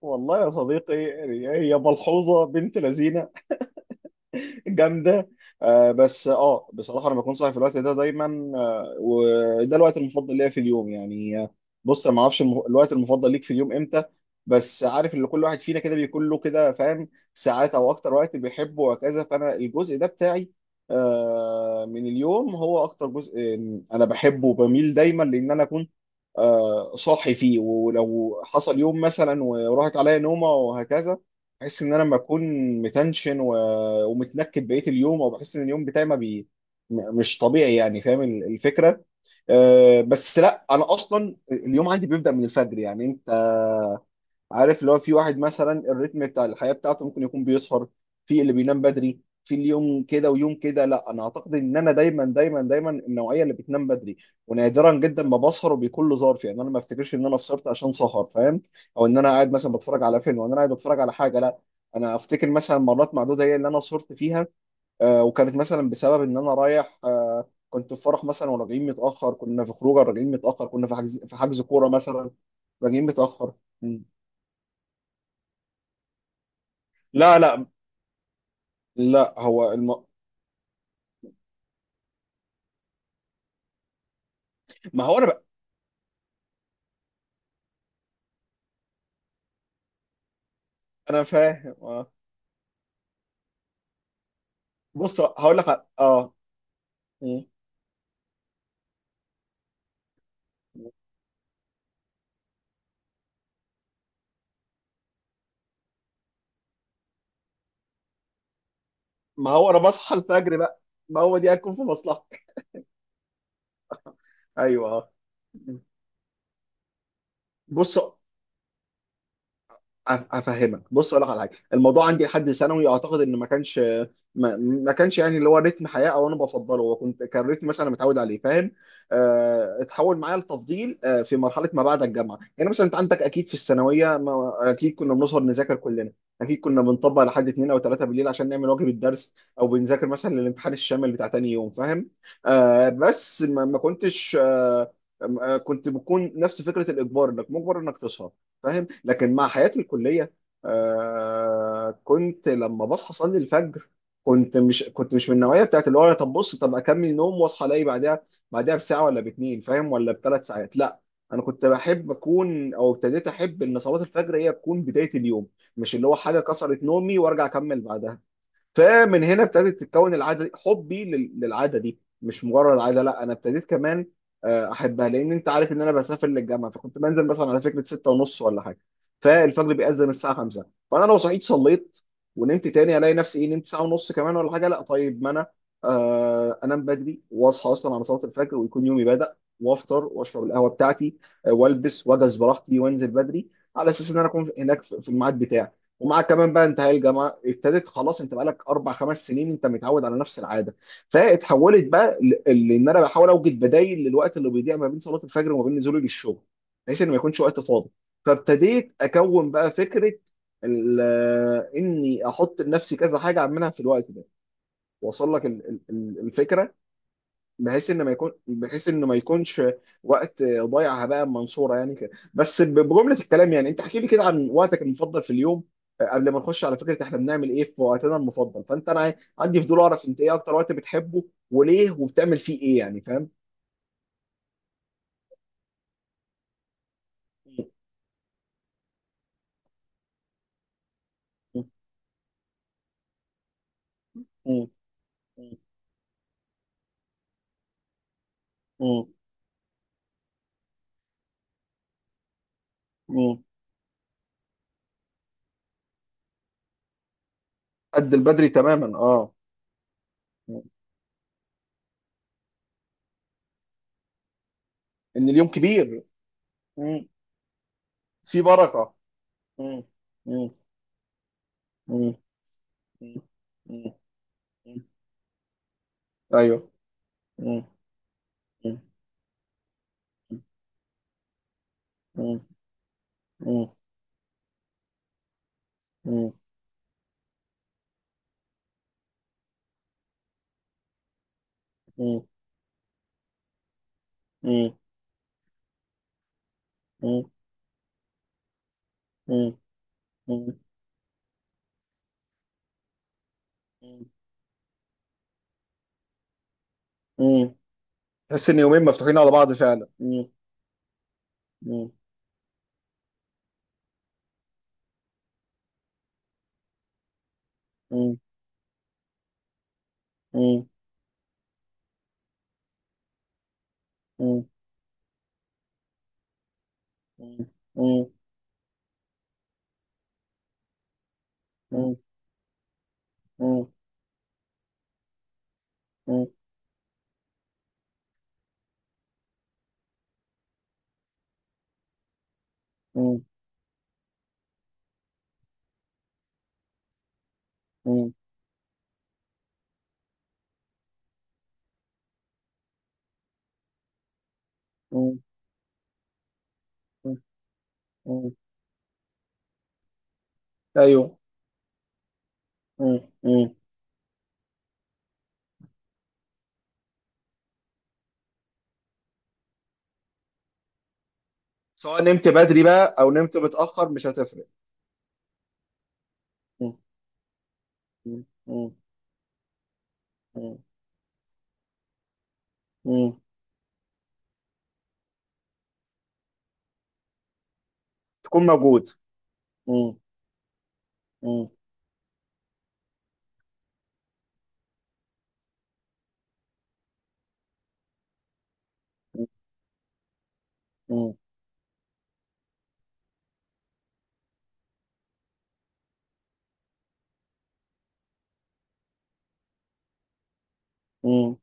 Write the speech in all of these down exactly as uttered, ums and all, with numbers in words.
والله يا صديقي، هي ملحوظة بنت لذينة جامدة. آه، بس اه بصراحة أنا بكون صاحي في الوقت ده دايما. آه، وده الوقت المفضل ليا في اليوم يعني. آه، بص أنا ما أعرفش الم- الوقت المفضل ليك في اليوم إمتى؟ بس عارف إن كل واحد فينا كده بيكون له كده، فاهم، ساعات أو أكتر وقت بيحبه وهكذا. فأنا الجزء ده بتاعي آه، من اليوم هو أكتر جزء آه، أنا بحبه وبميل دايما، لأن أنا أكون آه، صاحي فيه. ولو حصل يوم مثلا وراحت عليا نومه وهكذا، بحس ان انا لما اكون متنشن و- ومتنكد بقيه اليوم، او بحس ان اليوم بتاعي ما بي م- مش طبيعي، يعني فاهم ال- الفكره. آه، بس لا، انا اصلا اليوم عندي بيبدا من الفجر، يعني انت عارف اللي هو في واحد مثلا الريتم بتاع الحياة بتاعته ممكن يكون بيسهر، في اللي بينام بدري، في اليوم كده ويوم كده. لا، انا اعتقد ان انا دايما دايما دايما النوعية اللي بتنام بدري، ونادرا جدا ما بسهر، وبيكون له ظرف، يعني انا ما افتكرش ان انا سهرت عشان سهر، فاهم، او ان انا قاعد مثلا بتفرج على فيلم، او ان انا قاعد بتفرج على حاجة، لا. انا افتكر مثلا مرات معدودة هي اللي انا سهرت فيها، آه وكانت مثلا بسبب ان انا رايح، آه كنت في فرح مثلا وراجعين متأخر، كنا في خروجه راجعين متأخر، كنا في حجز في حجز كورة مثلا، راجعين متأخر. مم. لا، لا، لا. هو الم... ما هو انا ب... انا فاهم. آه. بص هقول لك على- اه مم. ما هو انا بصحى الفجر بقى. ما هو دي هتكون في مصلحتك. ايوه. آه. بص، أف- افهمك. بص اقول لك على حاجه. الموضوع عندي لحد ثانوي، اعتقد ان ما كانش، ما, ما كانش يعني اللي هو رتم حياه او انا بفضله، وكنت كان رتم مثلا أنا متعود عليه، فاهم، آه، اتحول معايا لتفضيل آه، في مرحله ما بعد الجامعه. يعني مثلا انت عندك اكيد في الثانويه، ما اكيد كنا بنسهر نذاكر كلنا. اكيد كنا بنطبق لحد اتنين او تلاته بالليل عشان نعمل واجب الدرس، او بنذاكر مثلا للامتحان الشامل بتاع تاني يوم، فاهم. آه، بس ما, ما كنتش، آه، آه، كنت بكون نفس فكره الاجبار، انك مجبر انك تسهر، فاهم. لكن مع حياتي الكليه، آه كنت لما بصحى اصلي الفجر، كنت مش كنت مش من النوعيه بتاعت اللي هو أنا، طب بص، طب اكمل نوم واصحى الاقي بعدها، بعدها بساعه ولا باتنين، فاهم، ولا بثلاث ساعات، لا. انا كنت بحب اكون او ابتديت احب ان صلاه الفجر هي تكون بدايه اليوم، مش اللي هو حاجه كسرت نومي وارجع اكمل بعدها. فمن هنا ابتدت تتكون العاده دي، حبي لل- للعاده دي مش مجرد عاده، لا انا ابتديت كمان آه، احبها، لان انت عارف ان انا بسافر للجامعه، فكنت بنزل مثلا على فكره ستة ونص ولا حاجه، فالفجر بيأذن الساعه خمسة. فانا لو صحيت صليت ونمت تاني، الاقي نفسي ايه، نمت ساعه ونص كمان ولا حاجه، لا طيب ما انا آه، انام بدري واصحى اصلا على صلاه الفجر ويكون يومي بدأ، وافطر واشرب القهوه بتاعتي، آه، والبس واجهز براحتي وانزل بدري، على اساس ان انا اكون هناك في في الميعاد بتاعي. ومعاك كمان بقى انتهاء الجامعه ابتدت، خلاص انت بقالك اربع خمس سنين انت متعود على نفس العاده. فاتحولت بقى، ل- لان انا بحاول اوجد بدايل للوقت اللي بيضيع ما بين صلاه الفجر وما بين نزولي للشغل، بحيث ان ما يكونش وقت فاضي. فابتديت اكون بقى فكره ال- اني احط لنفسي كذا حاجه اعملها في الوقت ده، واصل لك ال- ال- ال- الفكره، بحيث ان ما يكون بحيث انه ما يكونش وقت ضايع هباء منصوره، يعني كده بس، ب- بجمله الكلام. يعني انت احكي لي كده عن وقتك المفضل في اليوم. آه، قبل ما نخش على فكره احنا بنعمل ايه في وقتنا المفضل، فانت انا عندي فضول اعرف انت ايه اكتر وقت بتحبه، وليه، وبتعمل فيه ايه، يعني فاهم. م- م- م- م- م- قد البدري تماما. اه م. ان اليوم كبير. م. في بركه. م. م. م. م. م. ايوه. م. م. مم. مم. مم. مم. مم. مم. مم. مم. تحس ان يومين مفتوحين على بعض فعلا. مم. مم. مم. مم. مم. مم. مم. مم. مم. مم. مم. ايوه. مم. مم. سواء نمت بدري بقى او نمت متاخر مش هتفرق. مم. مم. مم. مم. تكون موجود. مم. مم. مم. مم.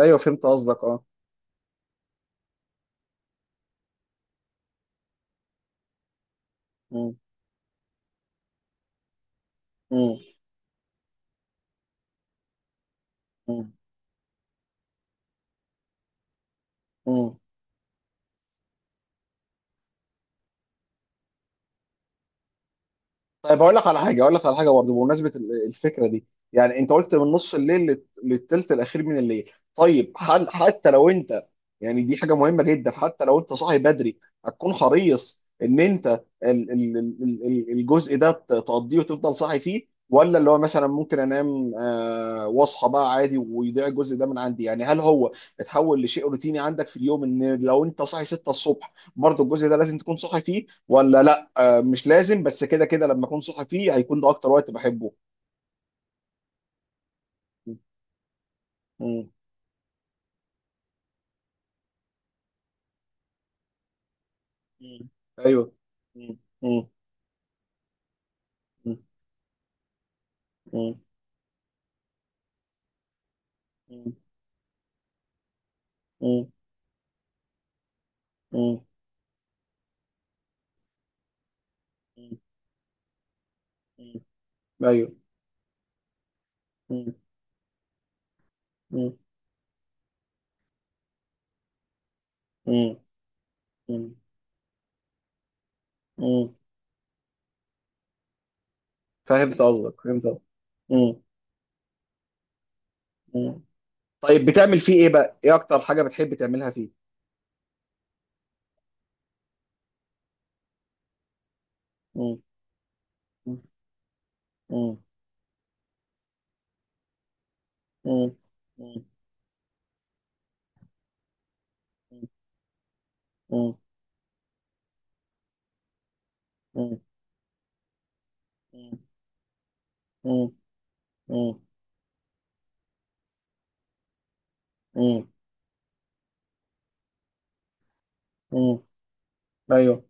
ايوه فهمت قصدك. اه مم. مم. مم. طيب اقول لك على حاجه، اقول لك على حاجه برضه بمناسبه ال- الفكره دي. يعني انت قلت من نص الليل لل- للتلت الاخير من الليل. طيب، هل حتى لو انت، يعني دي حاجه مهمه جدا، حتى لو انت صاحي بدري هتكون حريص ان انت ال ال ال ال الجزء ده ت- تقضيه وتفضل صاحي فيه، ولا اللي هو مثلا ممكن انام آه واصحى بقى عادي ويضيع الجزء ده من عندي؟ يعني هل هو اتحول لشيء روتيني عندك في اليوم ان لو انت صاحي ستة الصبح برضه الجزء ده لازم تكون صاحي فيه ولا لا؟ آه مش لازم، بس كده كده لما اكون صاحي فيه هيكون ده اكتر وقت بحبه. مم. مم. ايوه. مم. مم. مم. مم. مم. مم. مم. مم. ايوه. مم. مم. مم. مم. مم. فهمت قصدك فهمت قصدك. مم. مم. طيب بتعمل فيه ايه بقى؟ ايه اكتر حاجة بتحب تعملها فيه؟ مم. مم. مم. مم. مم. مم. مم. مم. مم. مم. مم. ايوه.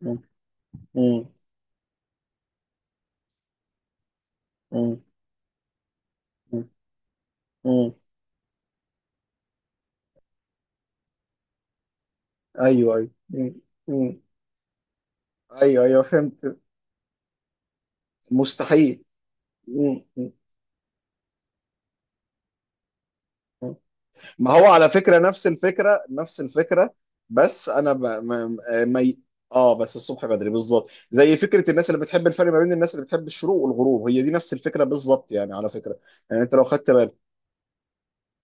مم. مم. مم. مم. ايوه ايوه. مم. مم. ايوه ايوه فهمت. مستحيل. مم. مم. مم. ما هو على فكره نفس الفكره نفس الفكره. بس انا ب... ما... ما... ي- اه بس الصبح بدري بالظبط زي فكره الناس اللي بتحب، الفرق ما بين الناس اللي بتحب الشروق والغروب هي دي نفس الفكره بالظبط يعني، على فكره. يعني انت لو خدت بالك.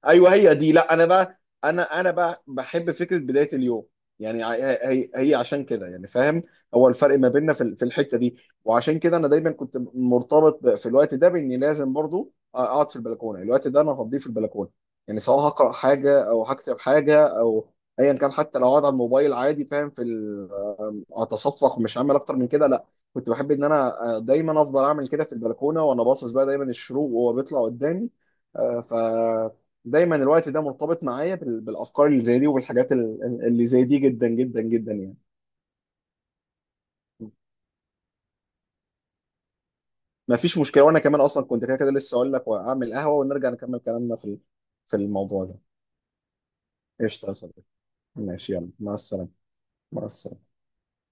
ايوه هي دي. لا انا بقى، انا انا بقى بحب فكره بدايه اليوم. يعني ع- هي هي عشان كده، يعني فاهم، هو الفرق ما بيننا في ال- في الحته دي. وعشان كده انا دايما كنت مرتبط ب- في الوقت ده باني لازم برضو اقعد في البلكونه، الوقت ده انا هقضيه في البلكونه، يعني سواء هقرا حاجه او هكتب حاجه، او ايا كان، حتى لو اقعد على الموبايل عادي، فاهم، في اتصفق مش هعمل اكتر من كده، لا. كنت بحب ان انا آه، دايما افضل اعمل كده في البلكونه، وانا باصص بقى دايما الشروق وهو بيطلع قدامي، آه، ف دايما الوقت ده مرتبط معايا بال- بالافكار اللي زي دي، وبالحاجات ال- اللي زي دي، جدا جدا جدا يعني. ما فيش مشكله، وانا كمان اصلا كنت كده كده لسه اقول لك واعمل قهوه، ونرجع نكمل كلامنا في ال- في الموضوع ده. قشطه يا صديقي، ماشي يلا، مع السلامه. مع السلامه.